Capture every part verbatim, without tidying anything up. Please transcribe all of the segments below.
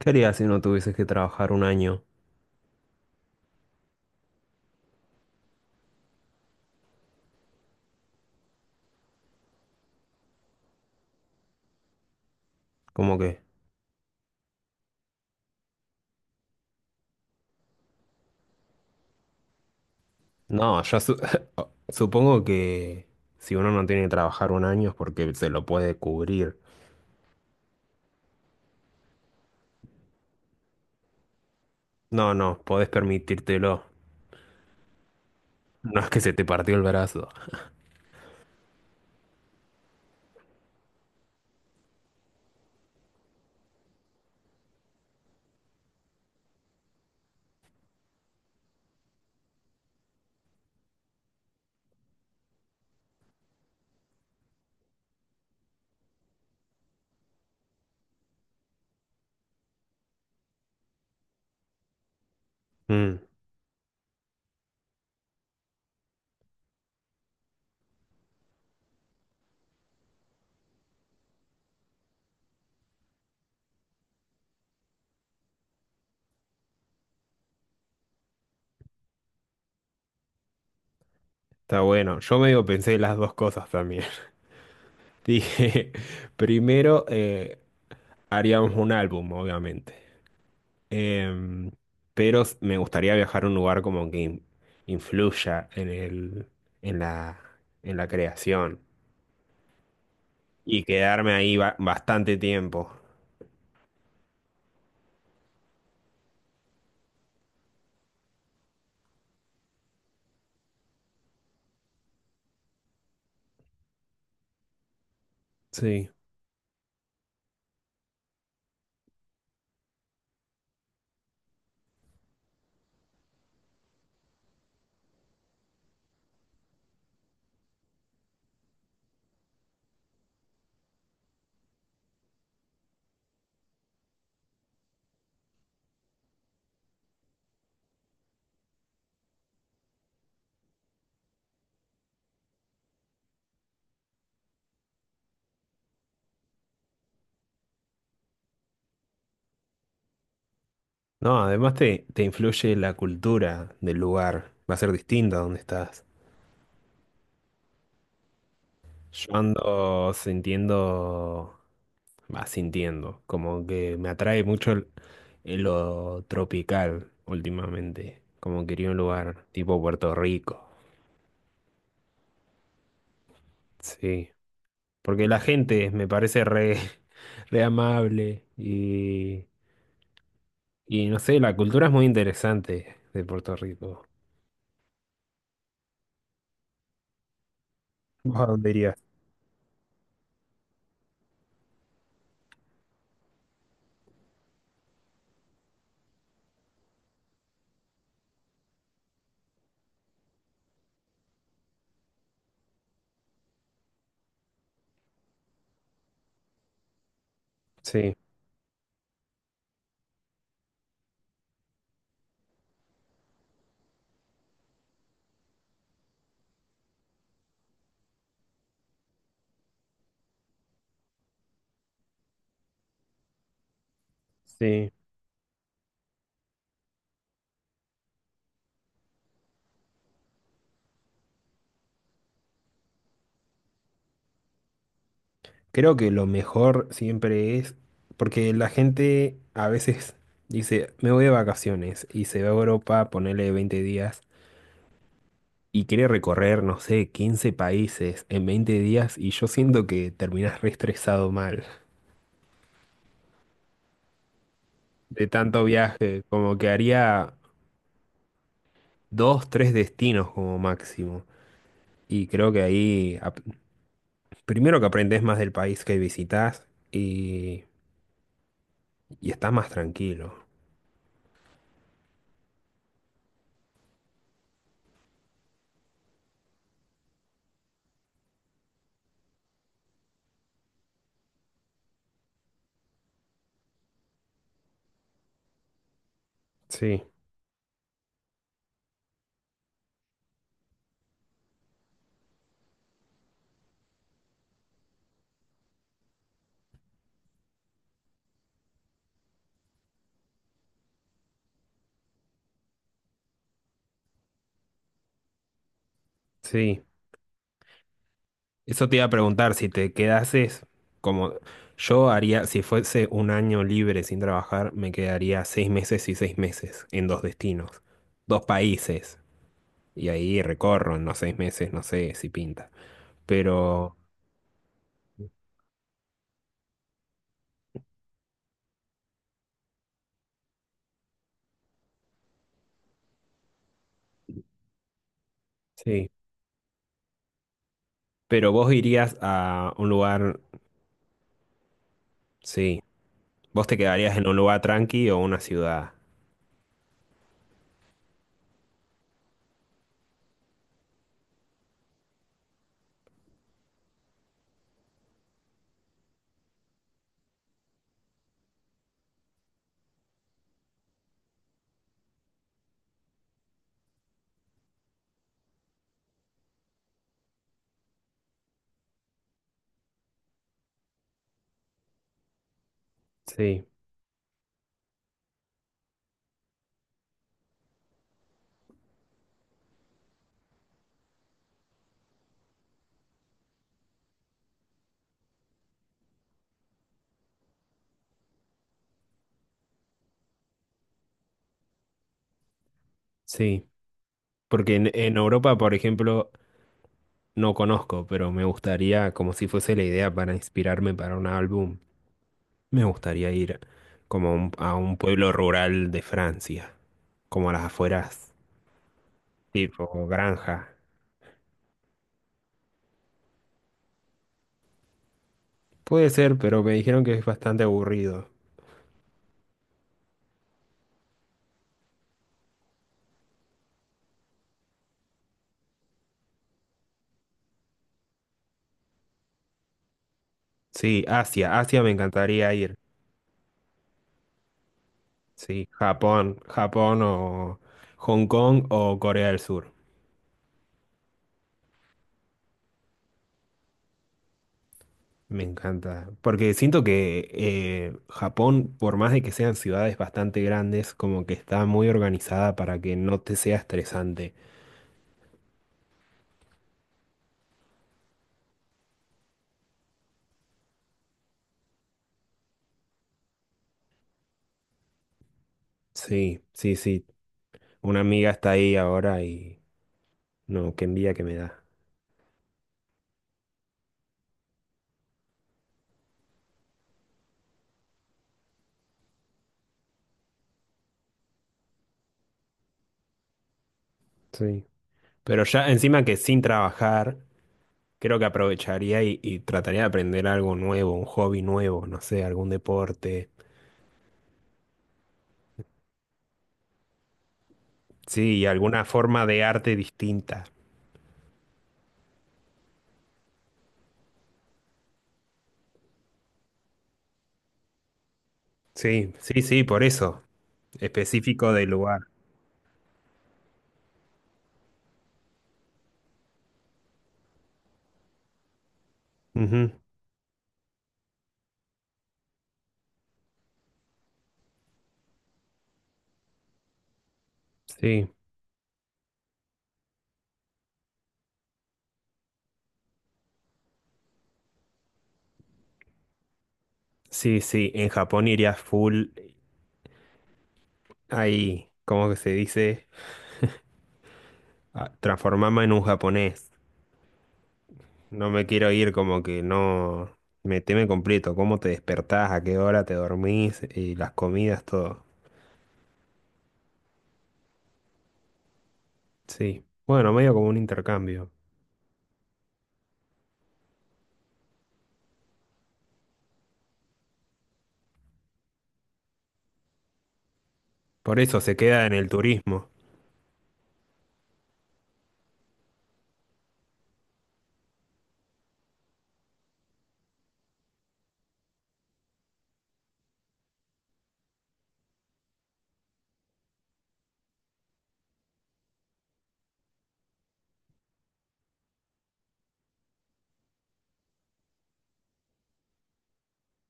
¿Qué harías si no tuvieses que trabajar un año? ¿Cómo que? No, ya su- supongo que si uno no tiene que trabajar un año es porque se lo puede cubrir. No, no, podés permitírtelo. No es que se te partió el brazo. Mm, está bueno. Yo medio pensé las dos cosas también. Dije, primero eh, haríamos un álbum, obviamente. Em, pero s- me gustaría viajar a un lugar como que in- influya en el, en la, en la creación. Y quedarme ahí ba- bastante tiempo. Sí. No, además te, te influye la cultura del lugar. Va a ser distinta donde estás. Yo ando sintiendo, va sintiendo, como que me atrae mucho el- el lo tropical últimamente. Como quería un lugar tipo Puerto Rico. Sí. Porque la gente me parece re, re amable y, y no sé, la cultura es muy interesante de Puerto Rico. ¿Vos a dónde irías? Sí, sí. Creo que lo mejor siempre es, porque la gente a veces dice, me voy de vacaciones y se va a Europa, ponele veinte días, y quiere recorrer, no sé, quince países en veinte días, y yo siento que terminas re estresado mal de tanto viaje, como que haría dos, tres destinos como máximo. Y creo que ahí, ap- primero que aprendes más del país que visitas y, y estás más tranquilo. Sí, sí. Eso te iba a preguntar, si te quedases como yo haría, si fuese un año libre sin trabajar, me quedaría seis meses y seis meses en dos destinos, dos países, y ahí recorro en los seis meses, no sé si pinta. Pero, sí, pero vos irías a un lugar, sí, vos te quedarías en un lugar tranqui o una ciudad. Sí, sí, porque en, en Europa, por ejemplo, no conozco, pero me gustaría como si fuese la idea para inspirarme para un álbum. Me gustaría ir como a un, a un pueblo rural de Francia, como a las afueras, tipo granja. Puede ser, pero me dijeron que es bastante aburrido. Sí, Asia, Asia me encantaría ir. Sí, Japón, Japón o Hong Kong o Corea del Sur. Me encanta, porque siento que eh, Japón, por más de que sean ciudades bastante grandes, como que está muy organizada para que no te sea estresante. Sí, sí, sí. Una amiga está ahí ahora y... No, qué envidia que me da. Sí. Pero ya encima que sin trabajar, creo que aprovecharía y, y trataría de aprender algo nuevo, un hobby nuevo, no sé, algún deporte. Sí, y alguna forma de arte distinta. Sí, sí, sí, por eso. Específico del lugar. Ujú. Sí, sí, sí. En Japón iría full ahí, ¿cómo que se dice? A- Transformarme en un japonés. No me quiero ir, como que no me teme completo. ¿Cómo te despertás? ¿A qué hora te dormís? Y las comidas, todo. Sí. Bueno, medio como un intercambio. Por eso se queda en el turismo.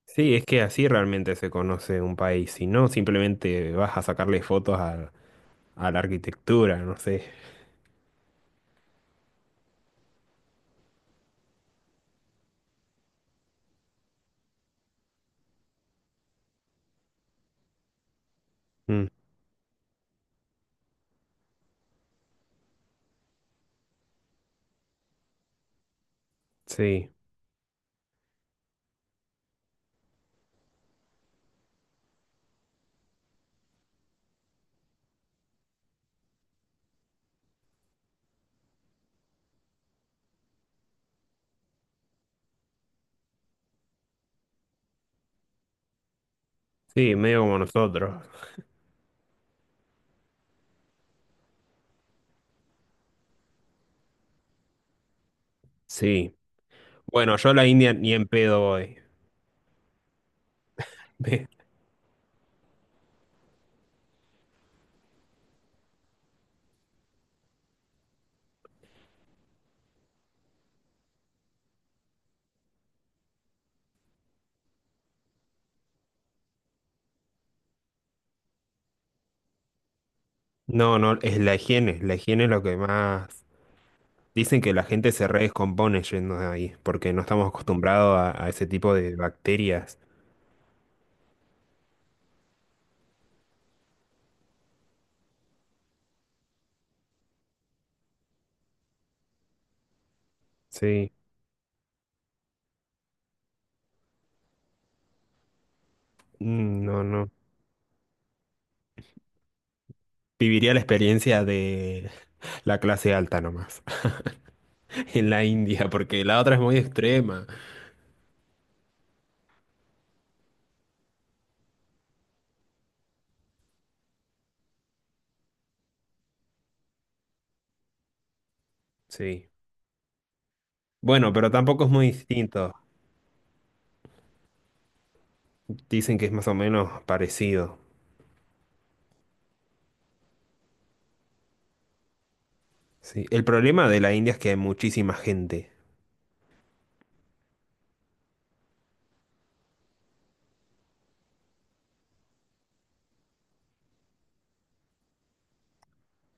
Sí, es que así realmente se conoce un país. Si no, simplemente vas a sacarle fotos a, a la arquitectura, no sé. Mm, sí, sí, medio como nosotros. Sí. Bueno, yo a la India ni en pedo voy. No, no, es la higiene. La higiene es lo que más. Dicen que la gente se redescompone yendo de ahí, porque no estamos acostumbrados a, a ese tipo de bacterias. Sí. Mm, no, no. Viviría la experiencia de la clase alta nomás, en la India, porque la otra es muy extrema. Sí. Bueno, pero tampoco es muy distinto. Dicen que es más o menos parecido. Sí. El problema de la India es que hay muchísima gente.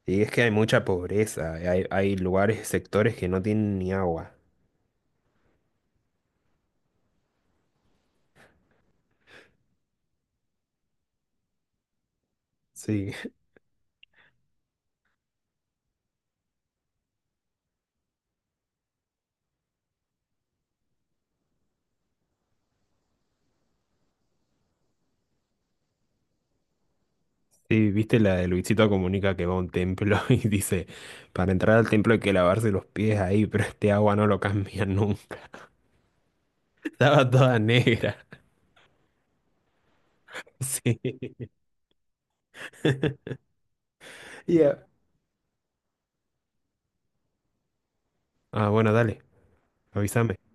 Y es que hay mucha pobreza. Hay, hay lugares, sectores que no tienen ni agua. Sí. Sí, viste la de Luisito Comunica que va a un templo y dice, para entrar al templo hay que lavarse los pies ahí, pero este agua no lo cambia nunca. Estaba toda negra. Sí. Ya. Ah, bueno, dale, avísame.